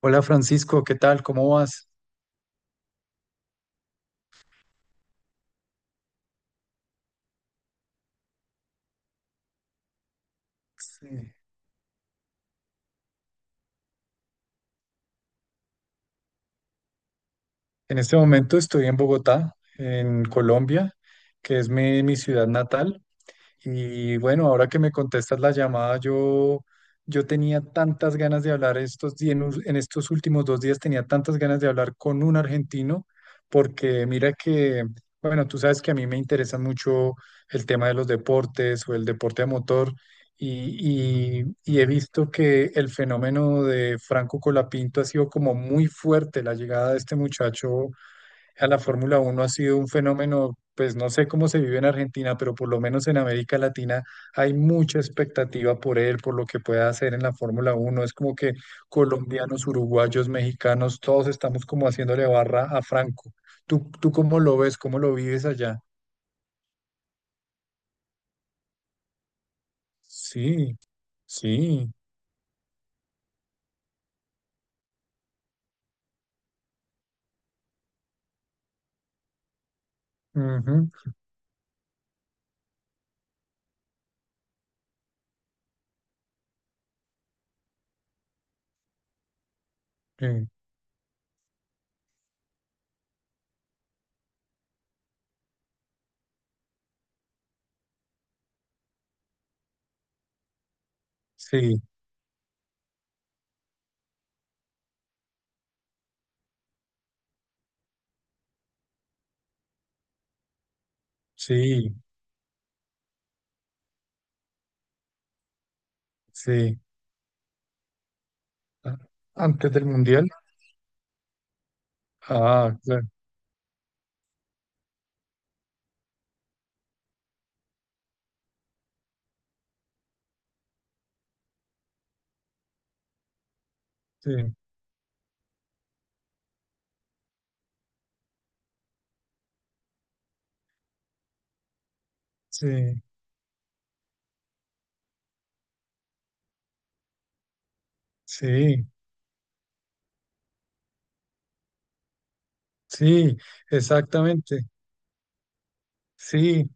Hola Francisco, ¿qué tal? ¿Cómo vas? Sí. En este momento estoy en Bogotá, en Colombia, que es mi ciudad natal. Y bueno, ahora que me contestas la llamada, yo tenía tantas ganas de hablar estos días, en estos últimos dos días tenía tantas ganas de hablar con un argentino, porque mira que, bueno, tú sabes que a mí me interesa mucho el tema de los deportes o el deporte a motor, y he visto que el fenómeno de Franco Colapinto ha sido como muy fuerte, la llegada de este muchacho a la Fórmula Uno ha sido un fenómeno. Pues no sé cómo se vive en Argentina, pero por lo menos en América Latina hay mucha expectativa por él, por lo que pueda hacer en la Fórmula Uno. Es como que colombianos, uruguayos, mexicanos, todos estamos como haciéndole barra a Franco. ¿Tú cómo lo ves? ¿Cómo lo vives allá? Sí, sí, ujú, eh, sí, sí, sí. Ah. Antes del Mundial. Ah, claro, sí, sí, sí, sí, exactamente. Sí,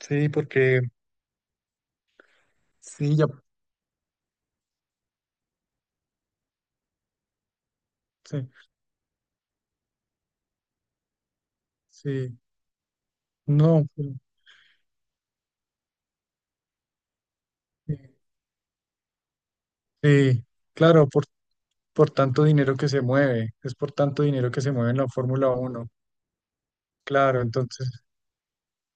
sí, porque sí, ya, sí, sí, no, pero, sí, claro, por, tanto dinero que se mueve, es por tanto dinero que se mueve en la Fórmula Uno, claro, entonces,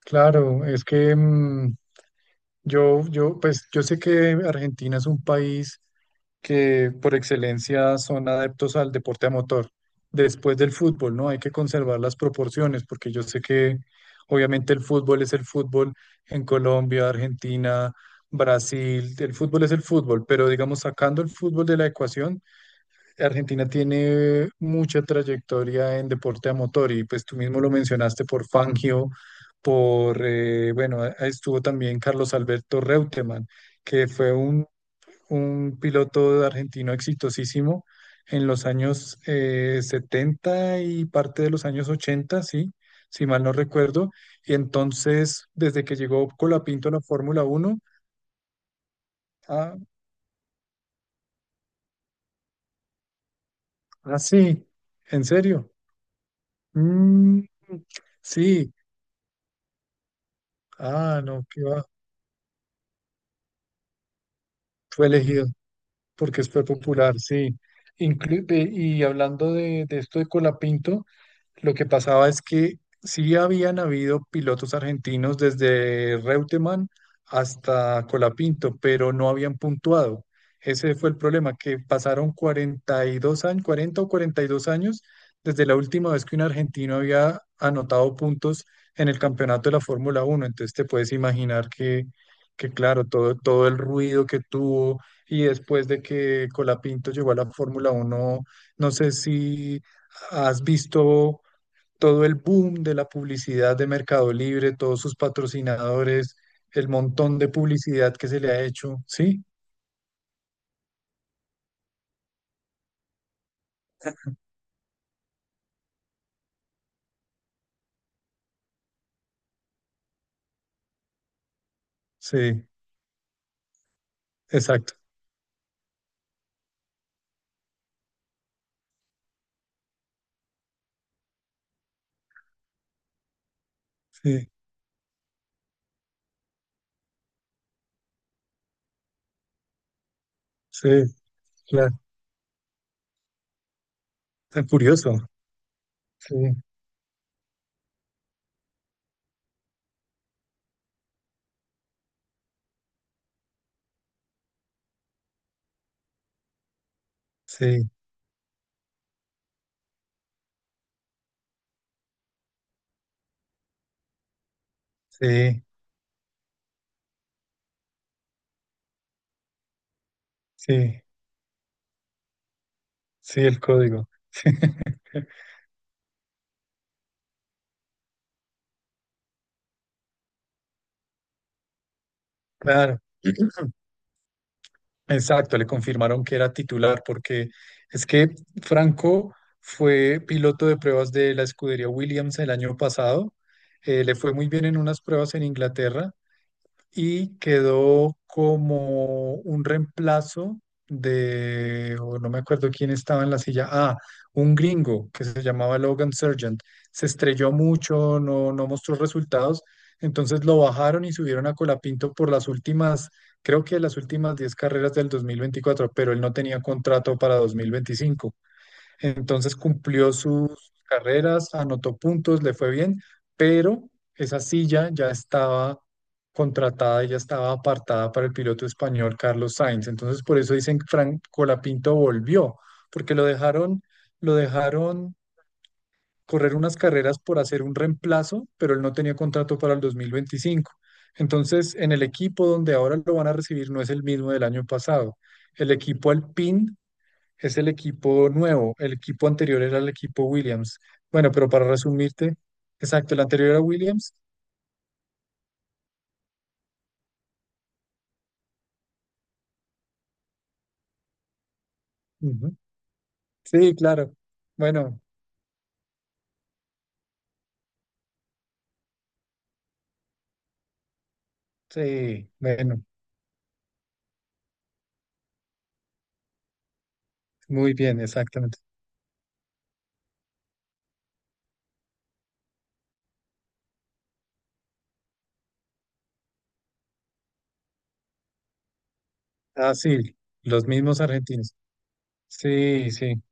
claro, es que yo, pues yo sé que Argentina es un país que por excelencia son adeptos al deporte a motor. Después del fútbol, ¿no? Hay que conservar las proporciones, porque yo sé que obviamente el fútbol es el fútbol en Colombia, Argentina, Brasil, el fútbol es el fútbol, pero digamos, sacando el fútbol de la ecuación, Argentina tiene mucha trayectoria en deporte a motor y pues tú mismo lo mencionaste por Fangio, bueno, estuvo también Carlos Alberto Reutemann, que fue un piloto argentino exitosísimo en los años 70 y parte de los años ochenta, sí, si mal no recuerdo. Y entonces, desde que llegó Colapinto a la Fórmula Uno, ah, ah, sí, ¿en serio? Mm, sí, ah, no, qué va, fue elegido porque fue popular, sí. Y hablando de, esto de Colapinto, lo que pasaba es que sí habían habido pilotos argentinos desde Reutemann hasta Colapinto, pero no habían puntuado. Ese fue el problema, que pasaron 42 años, 40 o 42 años desde la última vez que un argentino había anotado puntos en el campeonato de la Fórmula Uno. Entonces te puedes imaginar que claro, todo el ruido que tuvo y después de que Colapinto llegó a la Fórmula Uno. No sé si has visto todo el boom de la publicidad de Mercado Libre, todos sus patrocinadores, el montón de publicidad que se le ha hecho. Sí, sí, exacto. Sí, sí, claro. Está curioso. Sí, sí, sí, sí, sí, el código. Claro. Exacto, le confirmaron que era titular porque es que Franco fue piloto de pruebas de la escudería Williams el año pasado. Le fue muy bien en unas pruebas en Inglaterra y quedó como un reemplazo de, o no me acuerdo quién estaba en la silla, un gringo que se llamaba Logan Sargent. Se estrelló mucho, no, no mostró resultados, entonces lo bajaron y subieron a Colapinto por las últimas, creo que las últimas 10 carreras del 2024, pero él no tenía contrato para 2025. Entonces cumplió sus carreras, anotó puntos, le fue bien, pero esa silla ya estaba contratada y ya estaba apartada para el piloto español Carlos Sainz. Entonces por eso dicen que Frank Colapinto volvió, porque lo dejaron correr unas carreras por hacer un reemplazo, pero él no tenía contrato para el 2025. Entonces, en el equipo donde ahora lo van a recibir no es el mismo del año pasado. El equipo Alpine es el equipo nuevo, el equipo anterior era el equipo Williams. Bueno, pero para resumirte, exacto, el anterior era Williams. Ujú. Sí, claro. Bueno, sí, bueno, muy bien, exactamente. Ah, sí, los mismos argentinos. Sí, sí,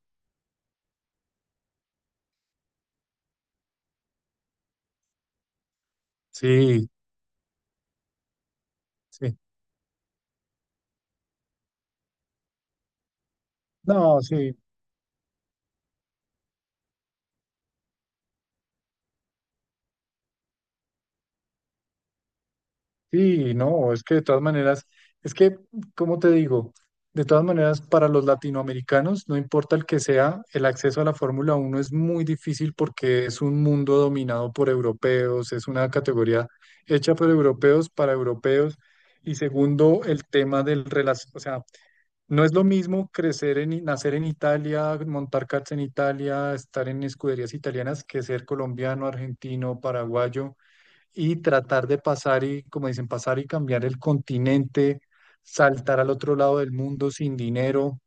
sí, sí. No, sí. Sí, no, es que de todas maneras, es que, ¿como te digo? De todas maneras, para los latinoamericanos, no importa el que sea, el acceso a la Fórmula Uno es muy difícil porque es un mundo dominado por europeos, es una categoría hecha por europeos para europeos. Y segundo, el tema del relación, o sea, no es lo mismo crecer en, nacer en Italia, montar karts en Italia, estar en escuderías italianas que ser colombiano, argentino, paraguayo y tratar de pasar y, como dicen, pasar y cambiar el continente, saltar al otro lado del mundo sin dinero.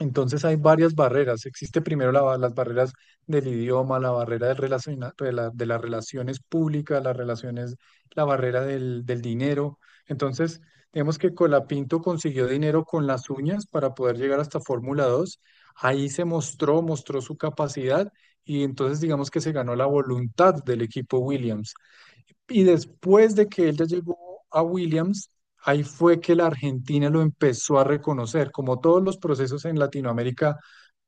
Entonces hay varias barreras. Existe primero las barreras del idioma, la barrera de las relaciones públicas, las relaciones, la barrera del dinero. Entonces, digamos que Colapinto consiguió dinero con las uñas para poder llegar hasta Fórmula dos. Ahí se mostró, mostró su capacidad y entonces digamos que se ganó la voluntad del equipo Williams. Y después de que él ya llegó a Williams, ahí fue que la Argentina lo empezó a reconocer. Como todos los procesos en Latinoamérica,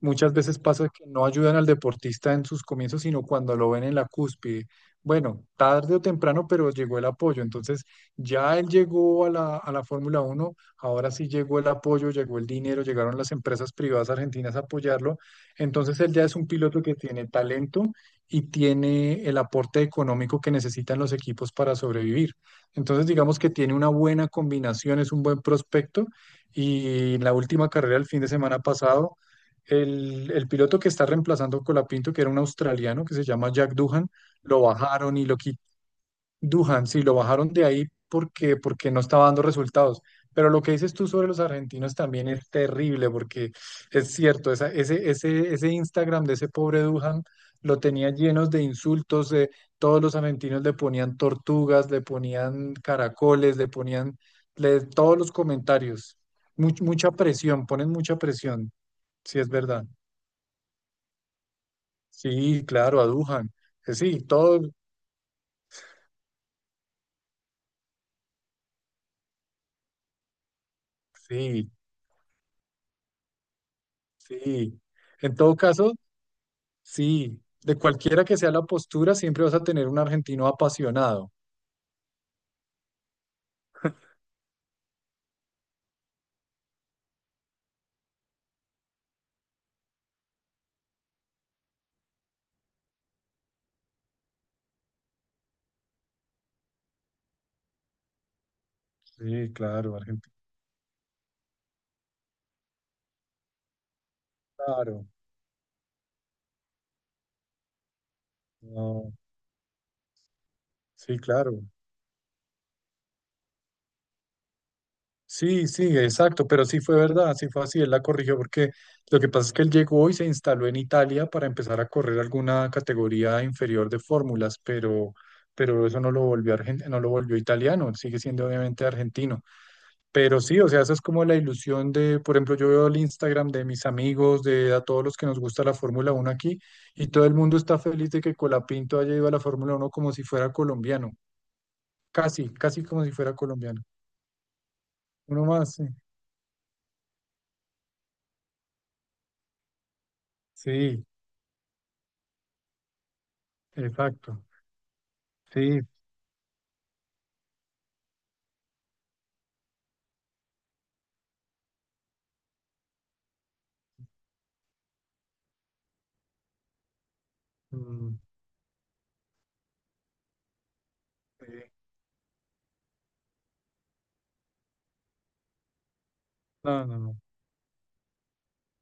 muchas veces pasa que no ayudan al deportista en sus comienzos, sino cuando lo ven en la cúspide. Bueno, tarde o temprano, pero llegó el apoyo. Entonces, ya él llegó a la, Fórmula Uno, ahora sí llegó el apoyo, llegó el dinero, llegaron las empresas privadas argentinas a apoyarlo. Entonces, él ya es un piloto que tiene talento y tiene el aporte económico que necesitan los equipos para sobrevivir. Entonces, digamos que tiene una buena combinación, es un buen prospecto y en la última carrera el fin de semana pasado, el piloto que está reemplazando a Colapinto, que era un australiano que se llama Jack Doohan, lo bajaron y lo quitaron. Duhan, sí, lo bajaron de ahí porque no estaba dando resultados. Pero lo que dices tú sobre los argentinos también es terrible, porque es cierto, ese Instagram de ese pobre Duhan lo tenía llenos de insultos, de todos los argentinos le ponían tortugas, le ponían caracoles, le ponían, todos los comentarios. Mucha presión, ponen mucha presión, si es verdad. Sí, claro, a Duhan. Sí, todo, sí, sí. En todo caso. Sí, de cualquiera que sea la postura, siempre vas a tener un argentino apasionado. Sí, claro, argentino. Claro, no, sí, claro. Sí, sí, exacto, pero sí fue verdad, sí fue así, él la corrigió porque lo que pasa es que él llegó y se instaló en Italia para empezar a correr alguna categoría inferior de fórmulas, pero, eso no lo volvió no lo volvió italiano, él sigue siendo obviamente argentino. Pero sí, o sea, esa es como la ilusión de, por ejemplo, yo veo el Instagram de mis amigos, de a todos los que nos gusta la Fórmula Uno aquí, y todo el mundo está feliz de que Colapinto haya ido a la Fórmula Uno como si fuera colombiano, casi, casi como si fuera colombiano. Uno más, sí. Sí, exacto. Sí. Mm, sí. No, no, no.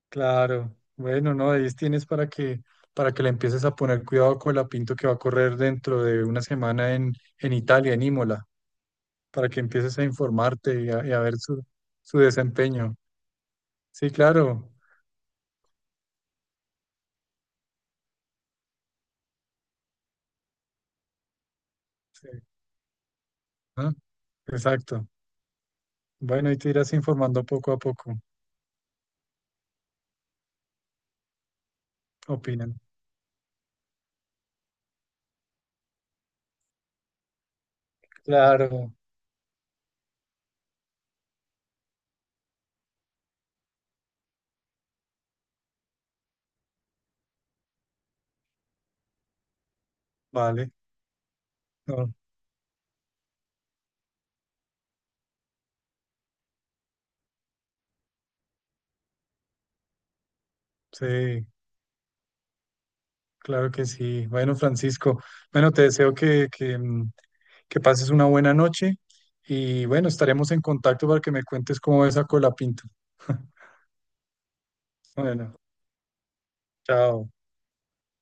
Claro. Bueno, no, ahí tienes para que, le empieces a poner cuidado a Colapinto que va a correr dentro de una semana en, Italia, en Imola. Para que empieces a informarte y a ver su desempeño. Sí, claro. Sí, ¿no? Exacto. Bueno, y te irás informando poco a poco, opinan. Claro, vale. No, sí, claro que sí. Bueno, Francisco, bueno, te deseo que pases una buena noche y bueno, estaremos en contacto para que me cuentes cómo ves a Colapinto. Bueno, chao.